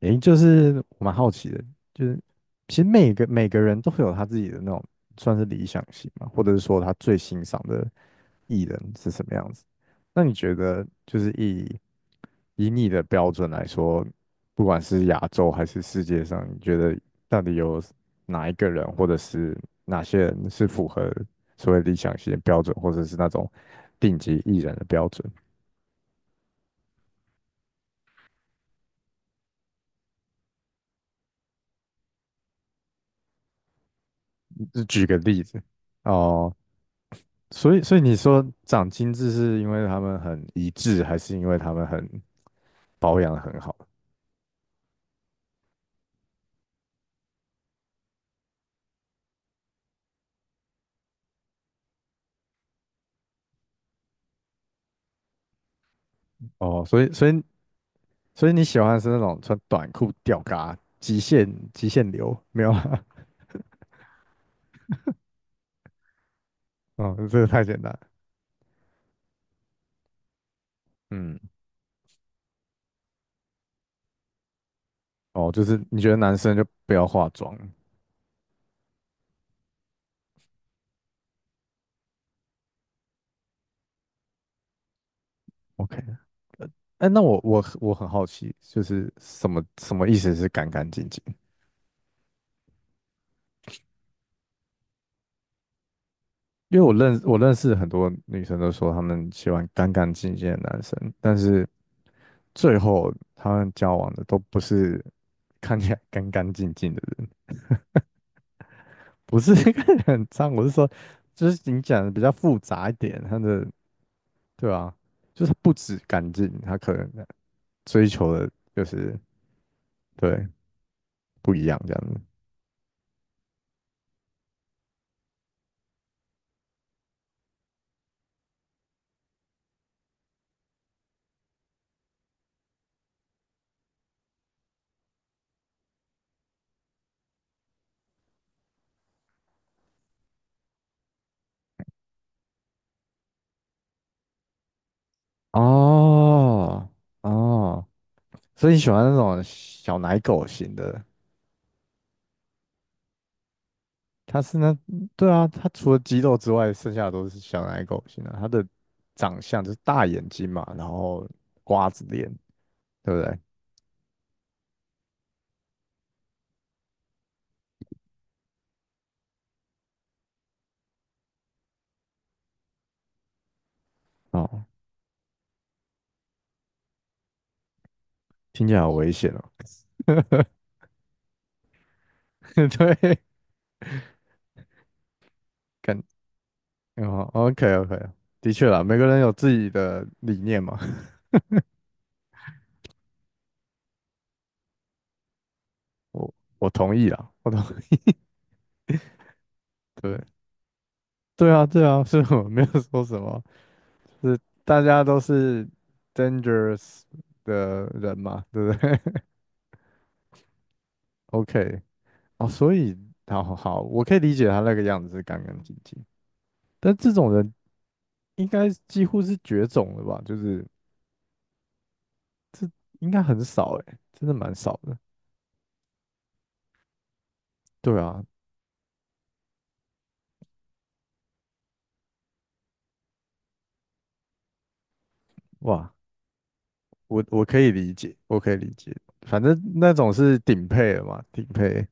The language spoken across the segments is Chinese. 诶，就是我蛮好奇的，就是其实每个人都会有他自己的那种算是理想型嘛，或者是说他最欣赏的艺人是什么样子。那你觉得就是以你的标准来说，不管是亚洲还是世界上，你觉得到底有哪一个人或者是哪些人是符合所谓理想型的标准，或者是那种顶级艺人的标准？就举个例子哦。所以你说长精致是因为他们很一致，还是因为他们很保养的很好？哦，所以，所以，所以你喜欢的是那种穿短裤吊嘎极限流，没有啊？哦，这个太简单了。嗯，哦，就是你觉得男生就不要化妆，OK?哎，那我很好奇，就是什么意思是干干净净？因为我认识很多女生都说她们喜欢干干净净的男生，但是最后他们交往的都不是看起来干干净净的人，不是 看起来很脏，我是说，就是你讲的比较复杂一点，他的对啊，就是不止干净，他可能追求的就是对不一样这样子。哦哦，所以你喜欢那种小奶狗型的？它是那，对啊，它除了肌肉之外，剩下的都是小奶狗型的。它的长相就是大眼睛嘛，然后瓜子脸，对不对？哦，听起来好危险哦。对，感，哦，OK OK,的确啦，每个人有自己的理念嘛，我我同意啦，我同，对，对啊，对啊，所以我没有说什么，是大家都是 dangerous 的人嘛，对不对 ？OK,哦，所以好好好，我可以理解他那个样子是干干净净，但这种人应该几乎是绝种了吧？就是这应该很少哎，真的蛮少的。对啊，哇，我可以理解，我可以理解，反正那种是顶配了嘛，顶配。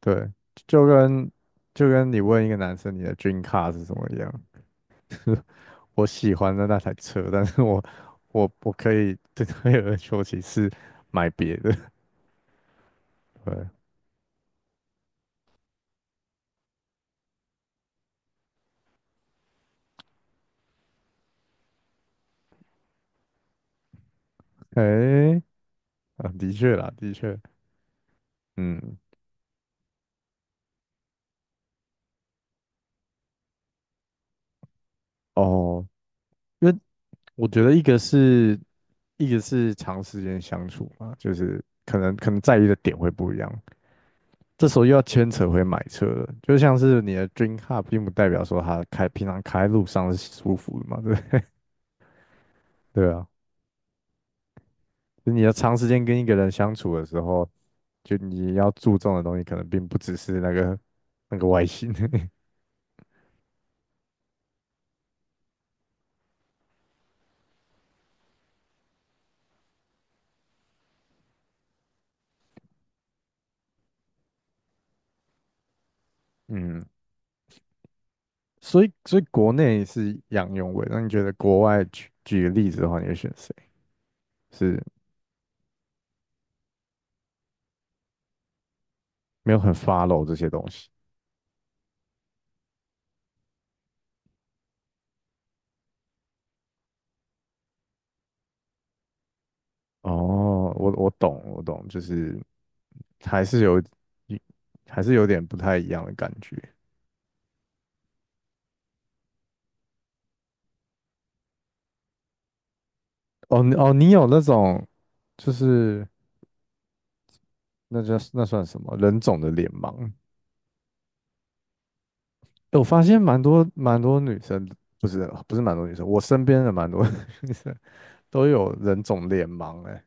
对，就跟就跟你问一个男生你的 dream car 是什么一样，我喜欢的那台车，但是我可以对有而说，其次买别的。对，哎、啊，的确啦，的确。嗯，哦，因为我觉得一个是长时间相处嘛，就是可能在意的点会不一样，这时候又要牵扯回买车了，就像是你的 dream car 并不代表说它开平常开路上是舒服的嘛，对不对？对啊，就你要长时间跟一个人相处的时候，就你要注重的东西可能并不只是那个外形，嗯，所以所以国内是杨永伟，那你觉得国外举个例子的话，你会选谁？是。没有很 follow 这些东西。哦，我我懂，我懂，就是还是有一，还是有点不太一样的感觉。哦你哦，你有那种，就是那叫那算什么人种的脸盲？诶我发现蛮多女生，不是蛮多女生，我身边的蛮多 女生都有人种脸盲、欸哎，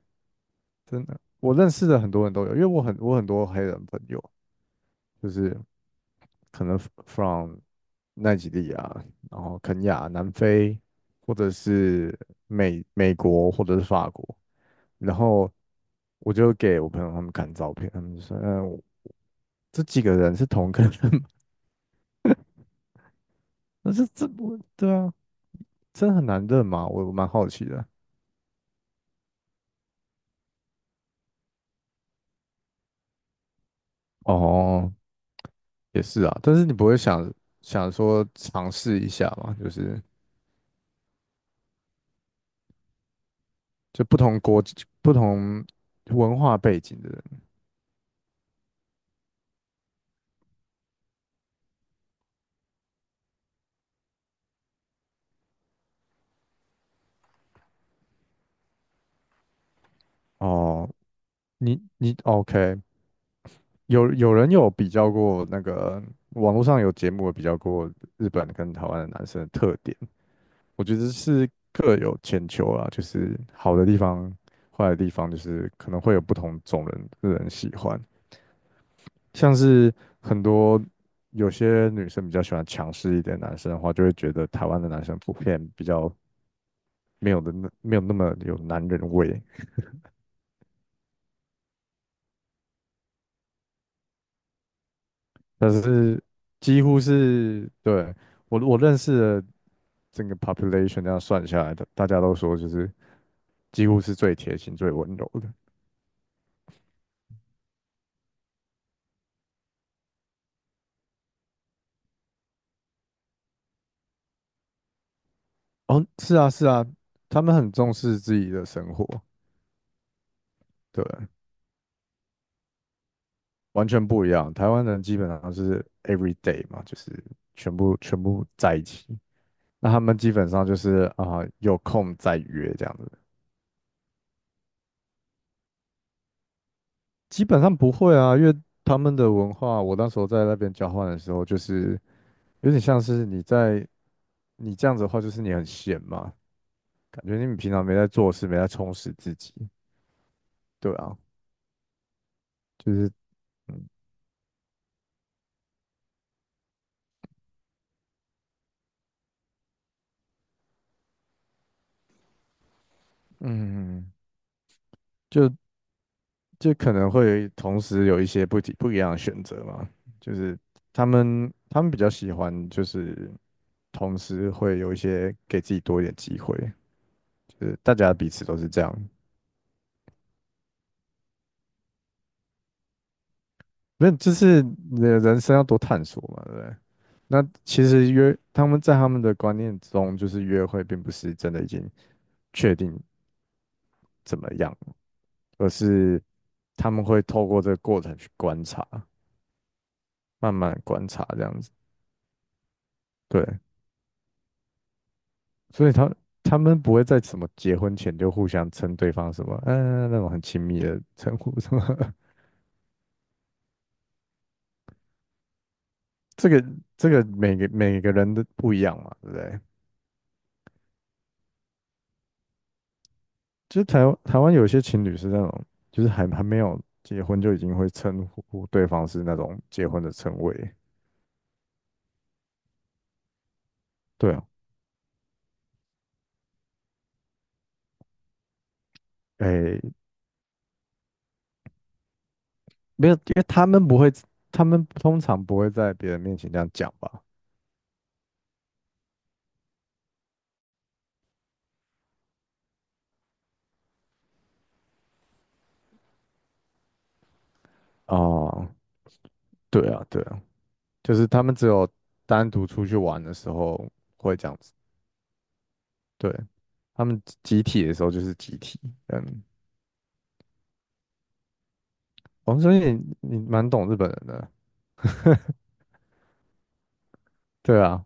真的，我认识的很多人都有，因为我很多黑人朋友，就是可能 r o m 奈及利亚，然后肯亚、南非，或者是美国，或者是法国。然后我就给我朋友他们看照片，他们就说："嗯、我这几个人是同个人吗？" 那这这不对啊，真的很难认吗？我我蛮好奇的。哦，也是啊，但是你不会想说尝试一下嘛？就是就不同国、不同文化背景的人。哦，你你 OK,有人有比较过那个网络上有节目有比较过日本跟台湾的男生的特点，我觉得是各有千秋啦，就是好的地方、坏的地方，就是可能会有不同种人的人喜欢，像是很多有些女生比较喜欢强势一点的男生的话，就会觉得台湾的男生普遍比较没有那么有男人味，但是几乎是对。我我认识的整个 population 这样算下来的，大家都说就是几乎是最贴心、最温柔的。哦，是啊，是啊，他们很重视自己的生活，对，完全不一样。台湾人基本上是 every day 嘛，就是全部在一起。那他们基本上就是啊、有空再约这样子，基本上不会啊，因为他们的文化，我那时候在那边交换的时候，就是有点像是你这样子的话，就是你很闲嘛，感觉你平常没在做事，没在充实自己。对啊，就是嗯嗯，就就可能会同时有一些不一样的选择嘛，就是他们比较喜欢就是同时会有一些给自己多一点机会，就是大家彼此都是这样，没有，就是你的人生要多探索嘛，对不对？那其实约他们在他们的观念中，就是约会并不是真的已经确定怎么样，而是他们会透过这个过程去观察，慢慢地观察这样子。对，所以他他们不会在什么结婚前就互相称对方什么，嗯、那种很亲密的称呼什么。这个这个每个每个人的不一样嘛，对不对？就是台湾有些情侣是那种，就是还没有结婚就已经会称呼对方是那种结婚的称谓。对啊，诶，没有，因为他们不会，他们通常不会在别人面前这样讲吧？哦，对啊，对啊，就是他们只有单独出去玩的时候会这样子，对，他们集体的时候就是集体，嗯，哦，所以你你蛮懂日本人的，对啊。